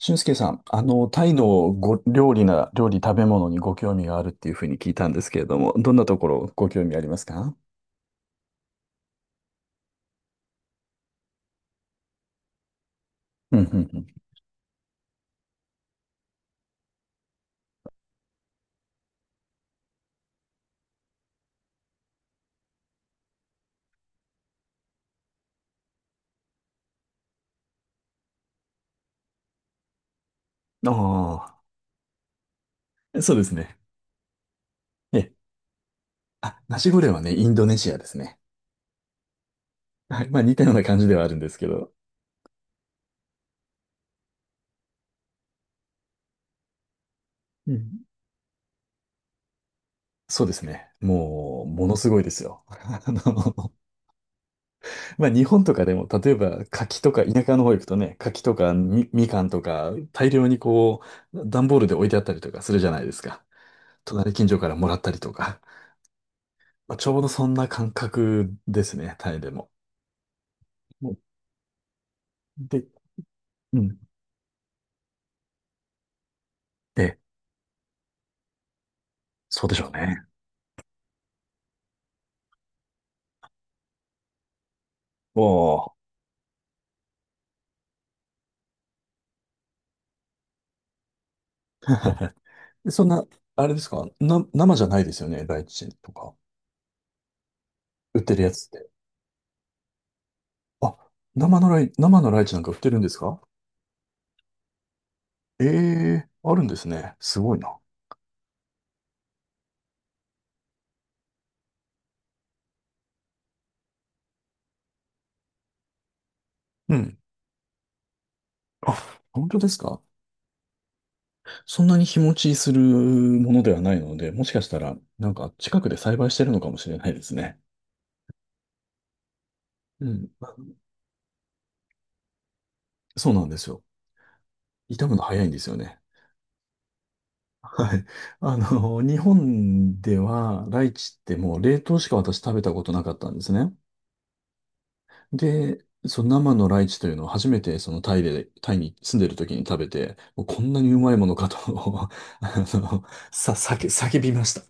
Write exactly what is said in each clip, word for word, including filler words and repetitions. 俊介さん、あの、タイのご料理な、料理食べ物にご興味があるっていうふうに聞いたんですけれども、どんなところご興味ありますか？うん、うん、うん。ああ、そうですね。ええ。あ、ナシゴレンはね、インドネシアですね。はい。まあ似たような感じではあるんですけど。うん。そうですね。もう、ものすごいですよ。あの、まあ日本とかでも、例えば柿とか、田舎の方行くとね、柿とかみ、みかんとか、大量にこう、段ボールで置いてあったりとかするじゃないですか。隣近所からもらったりとか。まあ、ちょうどそんな感覚ですね、タイでも。もうで、うん。え、そうでしょうね。おお。でそんな、あれですかな、生じゃないですよね、ライチとか。売ってるやつって。あ、生のライ、生のライチなんか売ってるんですか？ええー、あるんですね。すごいな。うん。あ、本当ですか？そんなに日持ちするものではないので、もしかしたら、なんか近くで栽培してるのかもしれないですね。うん。そうなんですよ。傷むの早いんですよね。はい。あの、日本ではライチってもう冷凍しか私食べたことなかったんですね。で、その生のライチというのを初めてそのタイで、タイに住んでる時に食べて、もうこんなにうまいものかと あの、さ、叫、叫びました。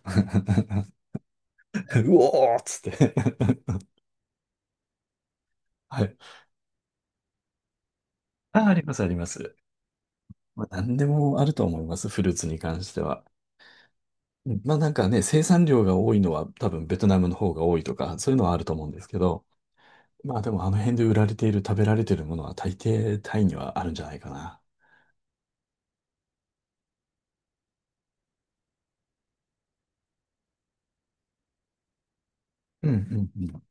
うおーっつって。はい。あ、あります、あります。まあ、何でもあると思います、フルーツに関しては。うんまあなんかね、生産量が多いのは多分ベトナムの方が多いとか、そういうのはあると思うんですけど、まあでもあの辺で売られている食べられているものは大抵タイにはあるんじゃないかな。うんうんうん。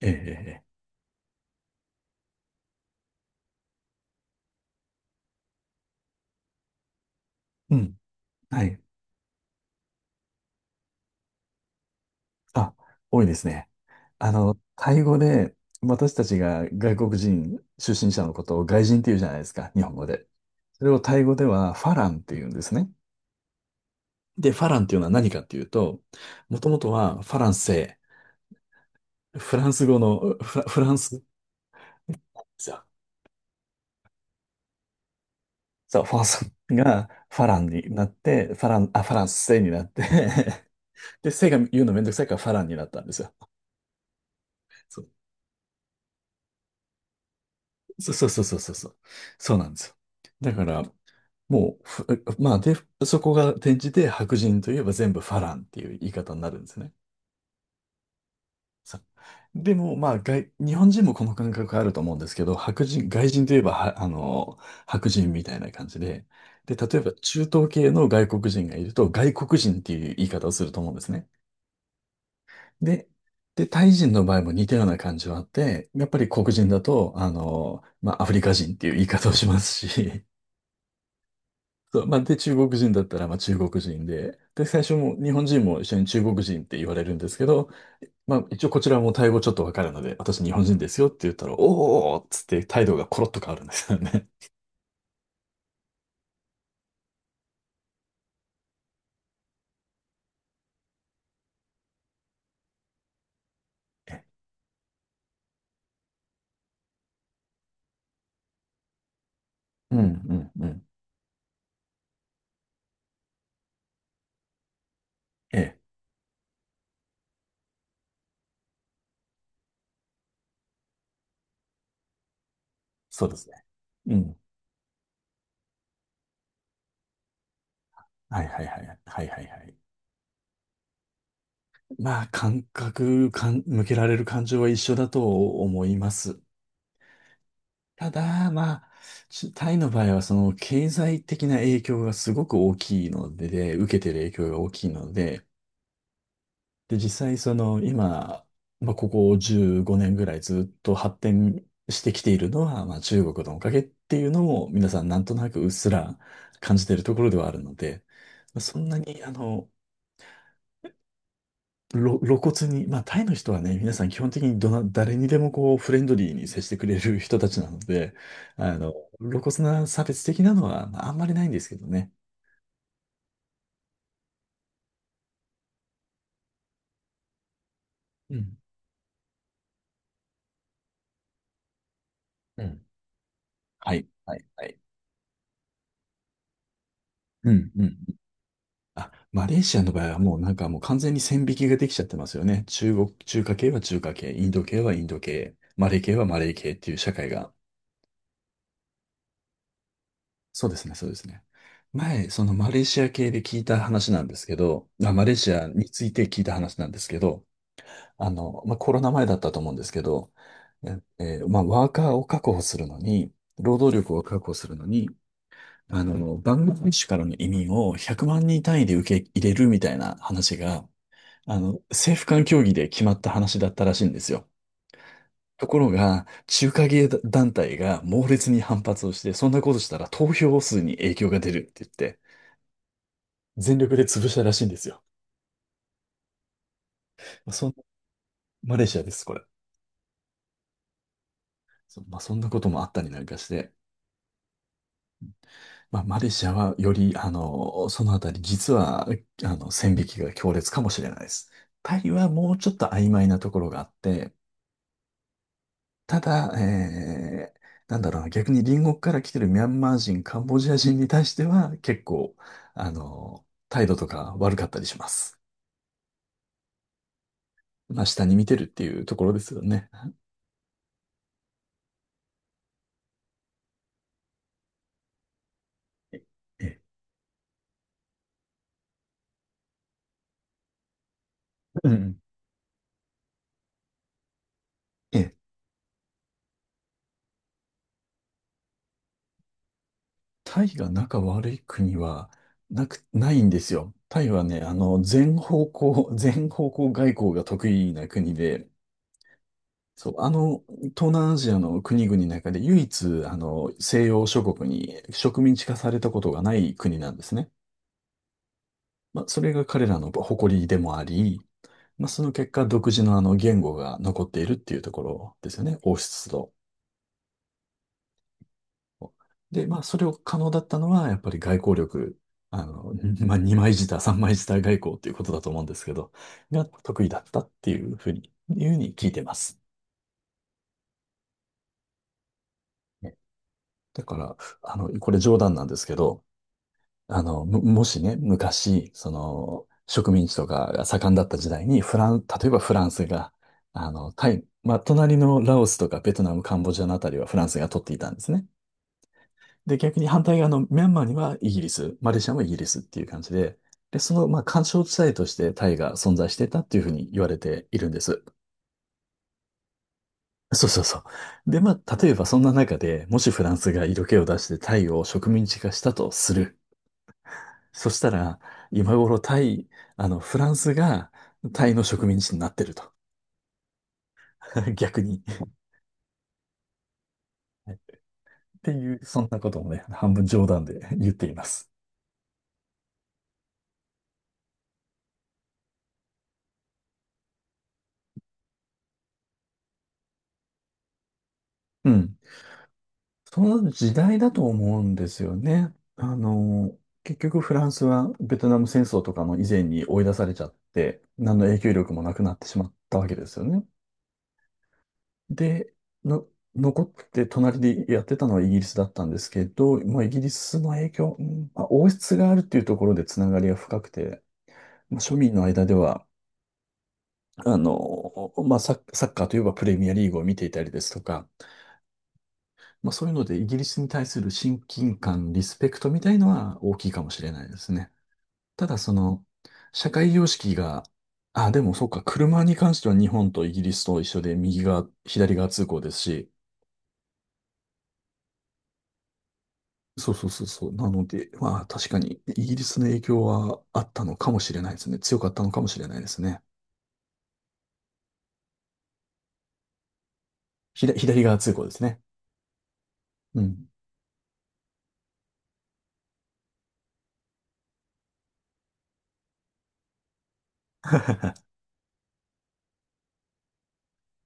ええええ。ええ、うん。はい。あ、多いですね。あの、タイ語で私たちが外国人出身者のことを外人って言うじゃないですか、日本語で。それをタイ語ではファランって言うんですね。で、ファランっていうのは何かっていうと、もともとはファランセイ、フランス語のフラ、フランスですよ。そう、ファースがファランになって、ファラン、あ、ファランスセイになって で、せが言うのめんどくさいからファランになったんですよ。そう、そうそうそうそうそう。そうなんですよ。だから、もう、ふまあ、で、そこが転じて白人といえば全部ファランっていう言い方になるんですね。そう、でも、まあ、外、日本人もこの感覚あると思うんですけど、白人、外人といえばは、あの、白人みたいな感じで、で、例えば中東系の外国人がいると、外国人っていう言い方をすると思うんですね。で、で、タイ人の場合も似たような感じはあって、やっぱり黒人だと、あの、まあ、アフリカ人っていう言い方をしますし、そう、まあ、で、中国人だったら、まあ、中国人で、で、最初も日本人も一緒に中国人って言われるんですけど、まあ、一応こちらもタイ語ちょっとわかるので、私日本人ですよって言ったら、おーおーおーっつって態度がコロッと変わるんですよね。え、うんうんうん。ええ、そうですね。うん。はいはいはい。はいはいはい。まあ、感覚かん、向けられる感情は一緒だと思います。ただ、まあ、ちタイの場合は、その、経済的な影響がすごく大きいので、で、受けてる影響が大きいので、で、実際、その、今、まあ、ここじゅうごねんぐらいずっと発展してきているのは、まあ、中国のおかげっていうのも、皆さんなんとなくうっすら感じているところではあるので、まあそんなに、あの、ろ露骨に、まあ、タイの人はね、皆さん基本的にどな、誰にでもこう、フレンドリーに接してくれる人たちなので、あの、露骨な差別的なのは、まあ、あんまりないんですけどね。うん。うん。はい、はい、はい。うん、うん。あ、マレーシアの場合はもうなんかもう完全に線引きができちゃってますよね。中国、中華系は中華系、インド系はインド系、マレー系はマレー系っていう社会が。そうですね、そうですね。前、そのマレーシア系で聞いた話なんですけど、まあ、マレーシアについて聞いた話なんですけど、あの、まあ、コロナ前だったと思うんですけど、え、えーまあ、ワーカーを確保するのに、労働力を確保するのに、あの、バングラデシュからの移民をひゃくまん人単位で受け入れるみたいな話が、あの、政府間協議で決まった話だったらしいんですよ。ところが、中華系団体が猛烈に反発をして、そんなことしたら投票数に影響が出るって言って、全力で潰したらしいんですよ。まあそん、マレーシアです、これ。そまあ、そんなこともあったりなんかして、まあ、マレーシアはより、あの、そのあたり、実は、あの、線引きが強烈かもしれないです。タイはもうちょっと曖昧なところがあって、ただ、えー、なんだろうな、逆に隣国から来てるミャンマー人、カンボジア人に対しては、結構、あの、態度とか悪かったりします。まあ、下に見てるっていうところですよね。ええ、うん。ええ。タイが仲悪い国はなく、ないんですよ。タイはね、あの、全方向、全方向外交が得意な国で、そう、あの、東南アジアの国々の中で唯一、あの、西洋諸国に植民地化されたことがない国なんですね。まあ、それが彼らの誇りでもあり、まあ、その結果、独自のあの言語が残っているっていうところですよね。王室と。で、まあ、それを可能だったのは、やっぱり外交力、あの、まあ、二枚舌、三枚舌外交っていうことだと思うんですけど、が得意だったっていうふうに、いうふうに聞いてます。ね、だから、あの、これ冗談なんですけど、あの、ももしね、昔、その、植民地とかが盛んだった時代に、フラン、例えばフランスが、あの、タイ、まあ、隣のラオスとかベトナム、カンボジアのあたりはフランスが取っていたんですね。で、逆に反対側のミャンマーにはイギリス、マレーシアもイギリスっていう感じで、で、その、まあ、緩衝地帯としてタイが存在してたっていうふうに言われているんです。そうそうそう。で、まあ、例えばそんな中で、もしフランスが色気を出してタイを植民地化したとする。そしたら、今頃タイ、あの、フランスがタイの植民地になってると。逆に。っていう、そんなこともね、半分冗談で言っています。うん。その時代だと思うんですよね。あの、結局フランスはベトナム戦争とかの以前に追い出されちゃって、何の影響力もなくなってしまったわけですよね。で、の、残って隣でやってたのはイギリスだったんですけど、まあ、イギリスの影響、うんまあ、王室があるっていうところでつながりが深くて、まあ、庶民の間では、あの、まあ、サッサッカーといえばプレミアリーグを見ていたりですとか、まあ、そういうので、イギリスに対する親近感、リスペクトみたいのは大きいかもしれないですね。ただ、その、社会様式が、あ、でもそうか、車に関しては日本とイギリスと一緒で、右側、左側通行ですし、そうそうそうそう。なので、まあ、確かに、イギリスの影響はあったのかもしれないですね。強かったのかもしれないですね。ひだ、左側通行ですね。うん。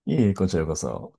いえいえ、こちらこそ。